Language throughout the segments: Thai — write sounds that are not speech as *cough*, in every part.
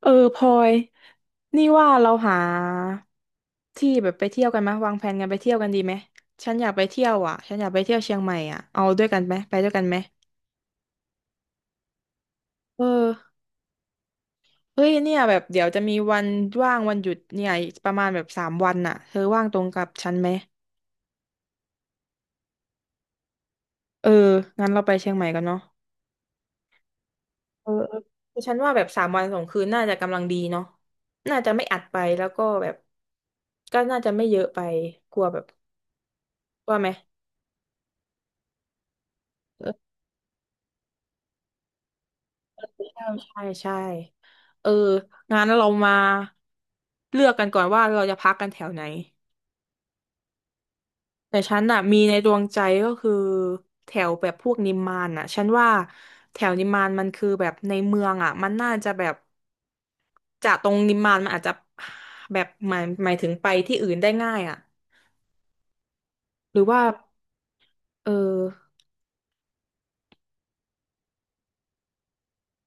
เออพลอยนี่ว่าเราหาที่แบบไปเที่ยวกันไหมยวางแผนกันไปเที่ยวกันดีไหมฉันอยากไปเที่ยวอ่ะฉันอยากไปเที่ยวเชียงใหม่อ่ะเอาด้วยกันไหมไปด้วยกันไหมเออเฮ้ยเนี่ยแบบเดี๋ยวจะมีวันว่างวันหยุดเนี่ยอีกประมาณแบบสามวันน่ะเธอว่างตรงกับฉันไหมเอองั้นเราไปเชียงใหม่กันเนาะเออเออคือฉันว่าแบบสามวันสองคืนน่าจะกำลังดีเนาะน่าจะไม่อัดไปแล้วก็แบบก็น่าจะไม่เยอะไปกลัวแบบว่าไหม ใช่ใช่ใช่เอองั้นเรามาเลือกกันก่อนว่าเราจะพักกันแถวไหนแต่ฉันน่ะมีในดวงใจก็คือแถวแบบพวกนิมมานน่ะฉันว่าแถวนิมมานมันคือแบบในเมืองอ่ะมันน่าจะแบบจากตรงนิมมานมันอาจจะแบบหมายถึงไปที่อื่นได้ง่ายอ่ะหรือว่าเออ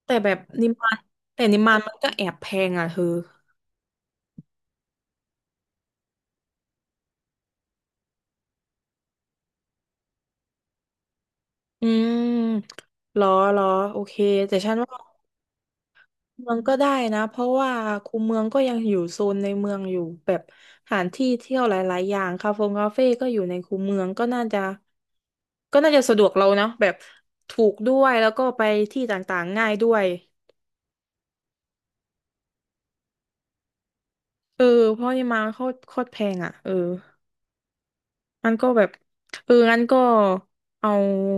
แต่แบบนิมมานแต่นิมมานมันก็แอบแพงอ่ะเธออืมเหรอเหรอโอเคแต่ฉันว่า เมืองก็ได้นะเพราะว่าคูเมืองก็ยังอยู่โซนในเมืองอยู่แบบสถานที่เที่ยวหลายๆอย่างคาเฟ่คาเฟ่ก็อยู่ในคูเมืองก็น่าจะก็น่าจะสะดวกเรานะแบบถูกด้วยแล้วก็ไปที่ต่างๆง่ายด้วยเออเพราะนี่มาโคตรโคตรแพงอ่ะเออมันก็แบบเอองั้นก็เอา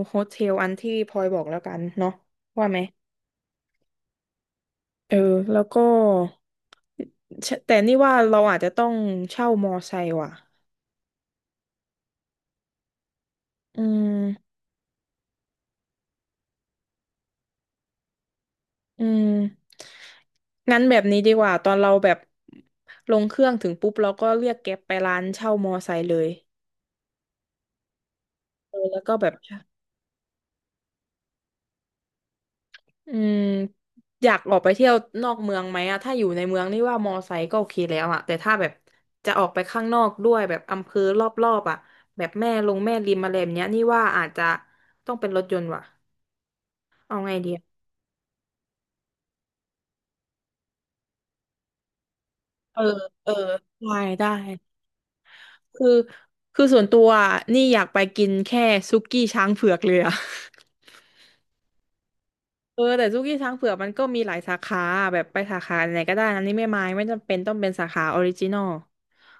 โฮเทลอันที่พลอยบอกแล้วกันเนาะว่าไหมเออแล้วก็แต่นี่ว่าเราอาจจะต้องเช่ามอไซค์ว่ะอืม อืมงั้นแบบนี้ดีกว่าตอนเราแบบลงเครื่องถึงปุ๊บเราก็เรียกแก๊ปไปร้านเช่ามอไซค์เลยเออแล้วก็แบบอืมอยากออกไปเที่ยวนอกเมืองไหมอะถ้าอยู่ในเมืองนี่ว่ามอไซค์ก็โอเคแล้วอะแต่ถ้าแบบจะออกไปข้างนอกด้วยแบบอำเภอรอบๆอะแบบแม่ลงแม่ริมอะไรแบบเนี้ยนี่ว่าอาจจะต้องเป็นรถยนต์ว่ะเอาไงดีอะเออเออได้ได้คือคือส่วนตัวอะนี่อยากไปกินแค่ซุกี้ช้างเผือกเลยอะ เออแต่ซุกี้ช้างเผือกมันก็มีหลายสาขาแบบไปสาขาไหนก็ได้อันนี้ไม่มายไม่จำเป็นต้องเป็นสาขาออริจินอล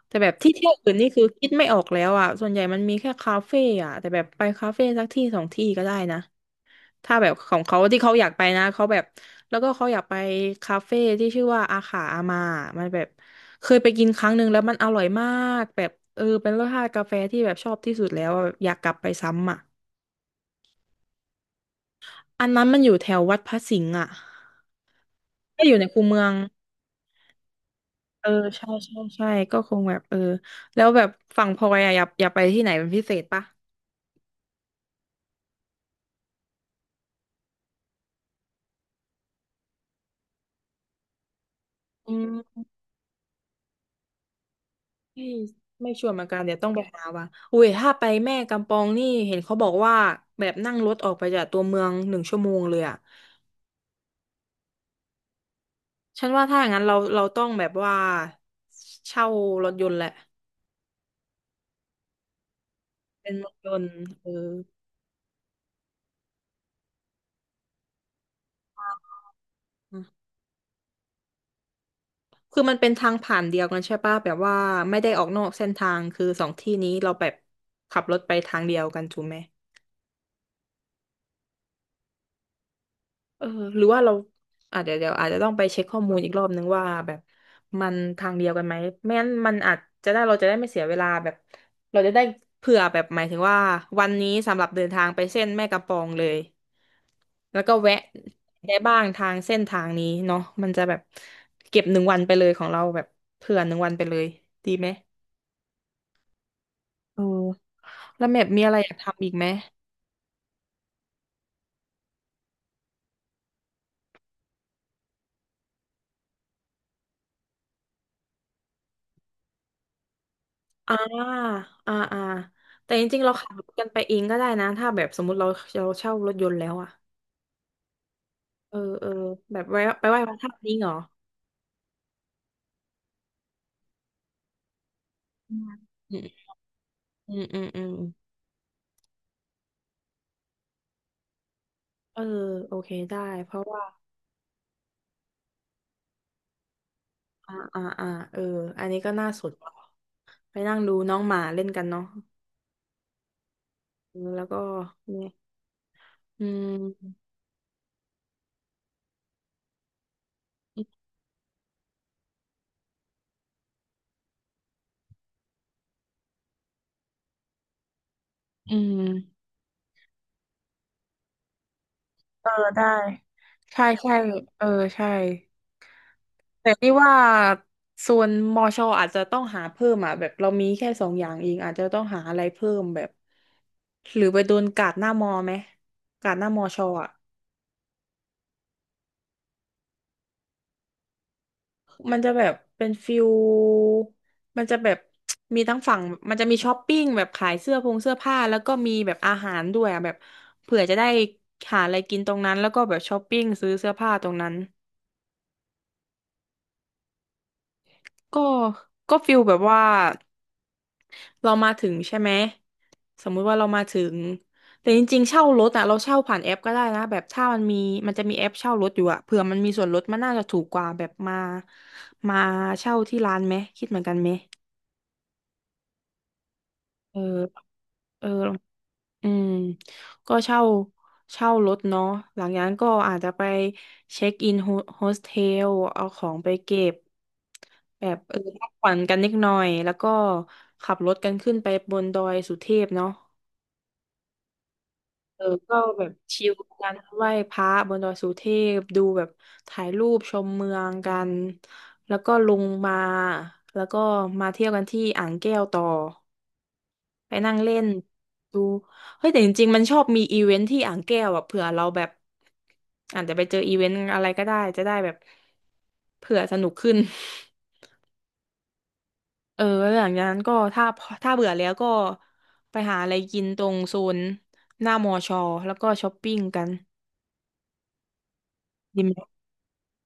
แต่แบบที่เที่ยวอื่นนี่คือคิดไม่ออกแล้วอ่ะส่วนใหญ่มันมีแค่คาเฟ่อ่ะแต่แบบไปคาเฟ่สักที่สองที่ก็ได้นะถ้าแบบของเขาที่เขาอยากไปนะเขาแบบแล้วก็เขาอยากไปคาเฟ่ที่ชื่อว่าอาขาอามามันแบบเคยไปกินครั้งหนึ่งแล้วมันอร่อยมากแบบเออเป็นรสชาติกาแฟที่แบบชอบที่สุดแล้วอะแบบอยากกลับไปซ้ำอ่ะอันนั้นมันอยู่แถววัดพระสิงห์อ่ะก็อยู่ในคูเมือง เออใช่ใช่ใช่ก็คงแบบเออแล้วแบบฝั่งพลอยอะอยากไปที่ไหนเป็นพิเศษปะอืมไม่ไม่ชัวร์เหมือนกันเดี๋ยวต้องไปหาว่ะอุ้ยถ้าไปแม่กำปองนี่เห็นเขาบอกว่าแบบนั่งรถออกไปจากตัวเมืองหนึ่งชั่วโมงเลยอะฉันว่าถ้าอย่างนั้นเราต้องแบบว่าเช่ารถยนต์แหละเป็นรถยนต์เออคือมันเป็นทางผ่านเดียวกันใช่ปะแบบว่าไม่ได้ออกนอกเส้นทางคือสองที่นี้เราแบบขับรถไปทางเดียวกันถูกไหม เออหรือว่าเราอาจจะเดี๋ยวอาจจะต้องไปเช็คข้อมูลอีกรอบนึงว่าแบบมันทางเดียวกันไหมไม่งั้นมันอาจจะได้เราจะได้ไม่เสียเวลาแบบเราจะได้เผื่อแบบหมายถึงว่าวันนี้สำหรับเดินทางไปเส้นแม่กำปองเลยแล้วก็แวะได้บ้างทางเส้นทางนี้เนาะมันจะแบบเก็บหนึ่งวันไปเลยของเราแบบเผื่อหนึ่งวันไปเลยดีไหมเออแล้วแมพมีอะไรอยากทำอีกไหม อ่า อ่าอ่าแต่จริงๆ เราขับรถกันไปเองก็ได้นะถ้าแบบสมมติเราเช่ารถยนต์แล้วอะ เออ เออแบบไปไหว้พระธาตุนี้เหรออืมอืมอืมอืมเออโอเคได้เพราะว่าอ่าอ่าอ่าเอออันนี้ก็น่าสนไปนั่งดูน้องหมาเล่นกันเนาะเออแล้วก็เนี่ยอืมอืมเออได้ใช่ใช่เออใช่ แต่นี่ว่าส่วนมอชออาจจะต้องหาเพิ่มอ่ะแบบเรามีแค่สองอย่างเองอาจจะต้องหาอะไรเพิ่มแบบหรือไปโดนกาดหน้ามอไหมกาดหน้ามอชออ่ะมันจะแบบเป็นฟิลมันจะแบบมีทั้งฝั่งมันจะมีช้อปปิ้งแบบขายเสื้อผงเสื้อผ้าแล้วก็มีแบบอาหารด้วยอะแบบเผื่อจะได้หาอะไรกินตรงนั้นแล้วก็แบบช้อปปิ้งซื้อเสื้อผ้าตรงนั้น ก็ก็ฟิลแบบว่าเรามาถึงใช่ไหมสมมุติว่าเรามาถึงแต่จริงๆเช่ารถอ่ะเราเช่าผ่านแอปก็ได้นะแบบถ้ามันมีมันจะมีแอปเช่ารถอยู่อะเผื่อมันมีส่วนลดมันน่าจะถูกกว่าแบบมาเช่าที่ร้านไหมคิดเหมือนกันไหมเออเออ อืมก็เช่าเช่ารถเนาะหลังจากนั้นก็อาจจะไปเช็คอินโฮสเทลเอาของไปเก็บแบบเออพักผ่อนกันนิดหน่อยแล้วก็ขับรถกันขึ้นไปบนดอยสุเทพเนาะเออก็แบบชิลกันไหว้พระบนดอยสุเทพดูแบบถ่ายรูปชมเมืองกันแล้วก็ลงมาแล้วก็มาเที่ยวกันที่อ่างแก้วต่อ ไปนั่งเล่นดู เฮ้ยแต่จริงๆมันชอบมีอีเวนท์ที่อ่างแก้วอะเผื่อเราแบบอาจจะไปเจออีเวนต์อะไรก็ได้จะได้แบบเผื่อสนุกขึ้น *laughs* เออแล้วหลังจากนั้นก็ถ้าเบื่อแล้วก็ไปหาอะไรกินตรงโซนหน้ามอชอแล้วก็ช้อปปิ้งกันดีไหม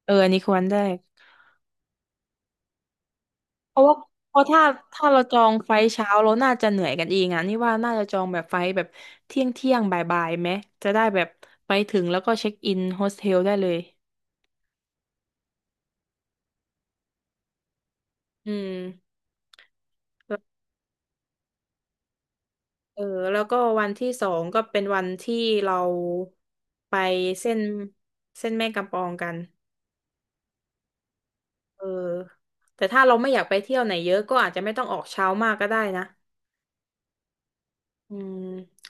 เอออันนี้ควรได้ เพราะว่าเพราะถ้าเราจองไฟล์เช้าเราน่าจะเหนื่อยกันเองอ่ะนี่ว่าน่าจะจองแบบไฟล์แบบเที่ยงเที่ยงบ่ายบ่ายๆไหมจะได้แบบไปถึงแล้วก็เช็คอินโฮสเทลได้เลยอืมแล้วเออแล้วก็วันที่สองก็เป็นวันที่เราไปเส้นเส้นแม่กำปองกันเออแต่ถ้าเราไม่อยากไปเที่ยวไหนเยอะก็อาจจะไม่ต้องออกเช้ามากก็ได้นะอืม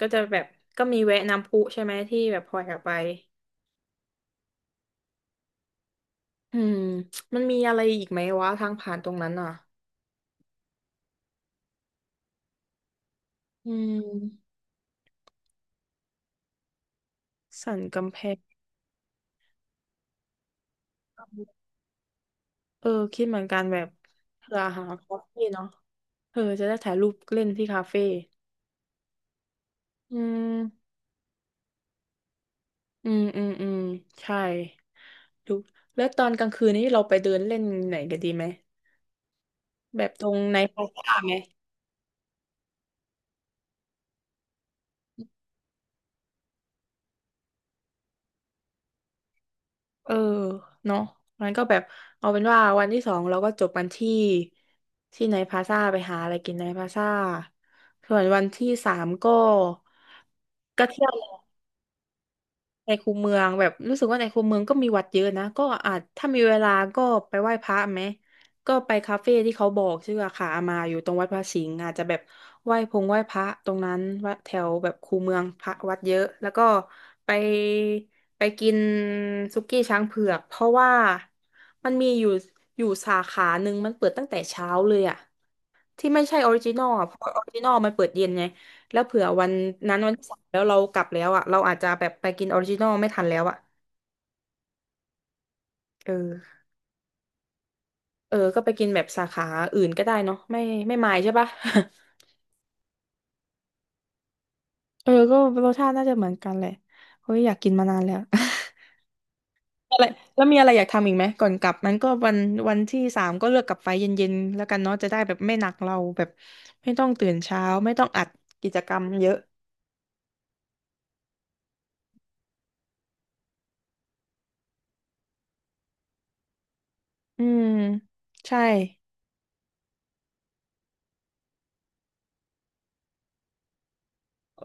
ก็จะแบบก็มีแวะน้ำพุใช่ไหมที่แบบพลอยอยากไป อืมมันมีอะไรอีกไหมวะทางผ่านตรงนั้นอ่ะอืมสันกำแพงเออคิดเหมือนกันแบบเผื่อหาคาเฟ่เนาะเออจะได้ถ่ายรูปเล่นที่คาเฟ่อืมอืมอืมอืมใช่ดูแล้วตอนกลางคืนนี้เราไปเดินเล่นไหนกันดีไหมแบบตรงในพลาซ่าไหม เออเนาะงั้นก็แบบเอาเป็นว่าวันที่สองเราก็จบกันที่ไนท์พลาซ่าไปหาอะไรกินไนท์พลาซ่าส่วนวันที่สามก็ก็เที่ยว ในคูเมืองแบบรู้สึกว่าในคูเมืองก็มีวัดเยอะนะก็อาจถ้ามีเวลาก็ไปไหว้พระไหมก็ไปคาเฟ่ที่เขาบอกชื่ออาคาอามาอยู่ตรงวัดพระสิงห์อาจจะแบบไหว้พงไหว้พระตรงนั้นวัดแถวแบบคูเมืองพระวัดเยอะแล้วก็ไปกินสุกี้ช้างเผือกเพราะว่ามันมีอยู่อยู่สาขาหนึ่งมันเปิดตั้งแต่เช้าเลยอ่ะ ที่ไม่ใช่ออริจินอลอ่ะเพราะออริจินอลมันเปิดเย็นไงแล้วเผื่อวันนั้นวันที่สามแล้วเรากลับแล้วอ่ะเราอาจจะแบบไปกินออริจินอลไม่ทันแล้วอ่ะเออเออก็ไปกินแบบสาขาอื่นก็ได้เนาะไม่ไม่มายใช่ปะ *laughs* เออก็รสชาติน่าจะเหมือนกันแหละเฮ้ยอยากกินมานานแล้ว *laughs* อะไรแล้วมีอะไรอยากทำอีกไหมก่อนกลับนั้นก็วันวันที่สามก็เลือกกลับไฟเย็นๆแล้วกันเนาะจะได้แบบไม่หนักเราแบบไม่ต้องตื่นเช้าไม่ต้องอัดกิจกรรมเยอะอืมใช่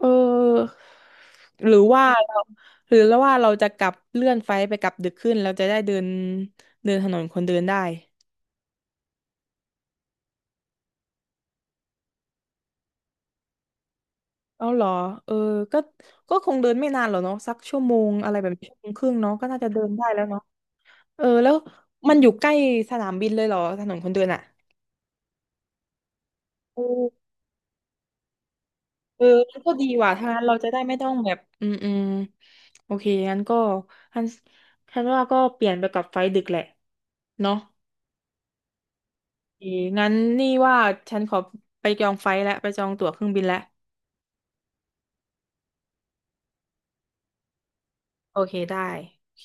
เออหรือว่าเราหรือแล้วว่าเราจะกลับเลื่อนไฟล์ไปกลับดึกขึ้นเราจะได้เดินเดินถนนคนเดินได้เอาเหรอเออก็คงเดินไม่นานหรอกเนาะสักชั่วโมงอะไรแบบนี้ชั่วโมงครึ่งเนาะก็น่าจะเดินได้แล้วเนาะเออแล้วมันอยู่ใกล้สนามบินเลยเหรอถนนคนเดินอ่ะโอเอองันก็ดีว่ะถ้างั้นเราจะได้ไม่ต้องแบบอืมอืมโอเคงั้นก็งั้นฉันว่าก็เปลี่ยนไปกับไฟล์ดึกแหละเนาะ โอเคงั้นนี่ว่าฉันขอไปจองไฟล์แล้วไปจองตั๋วเครื่องบินแล้วโอเคได้โอเค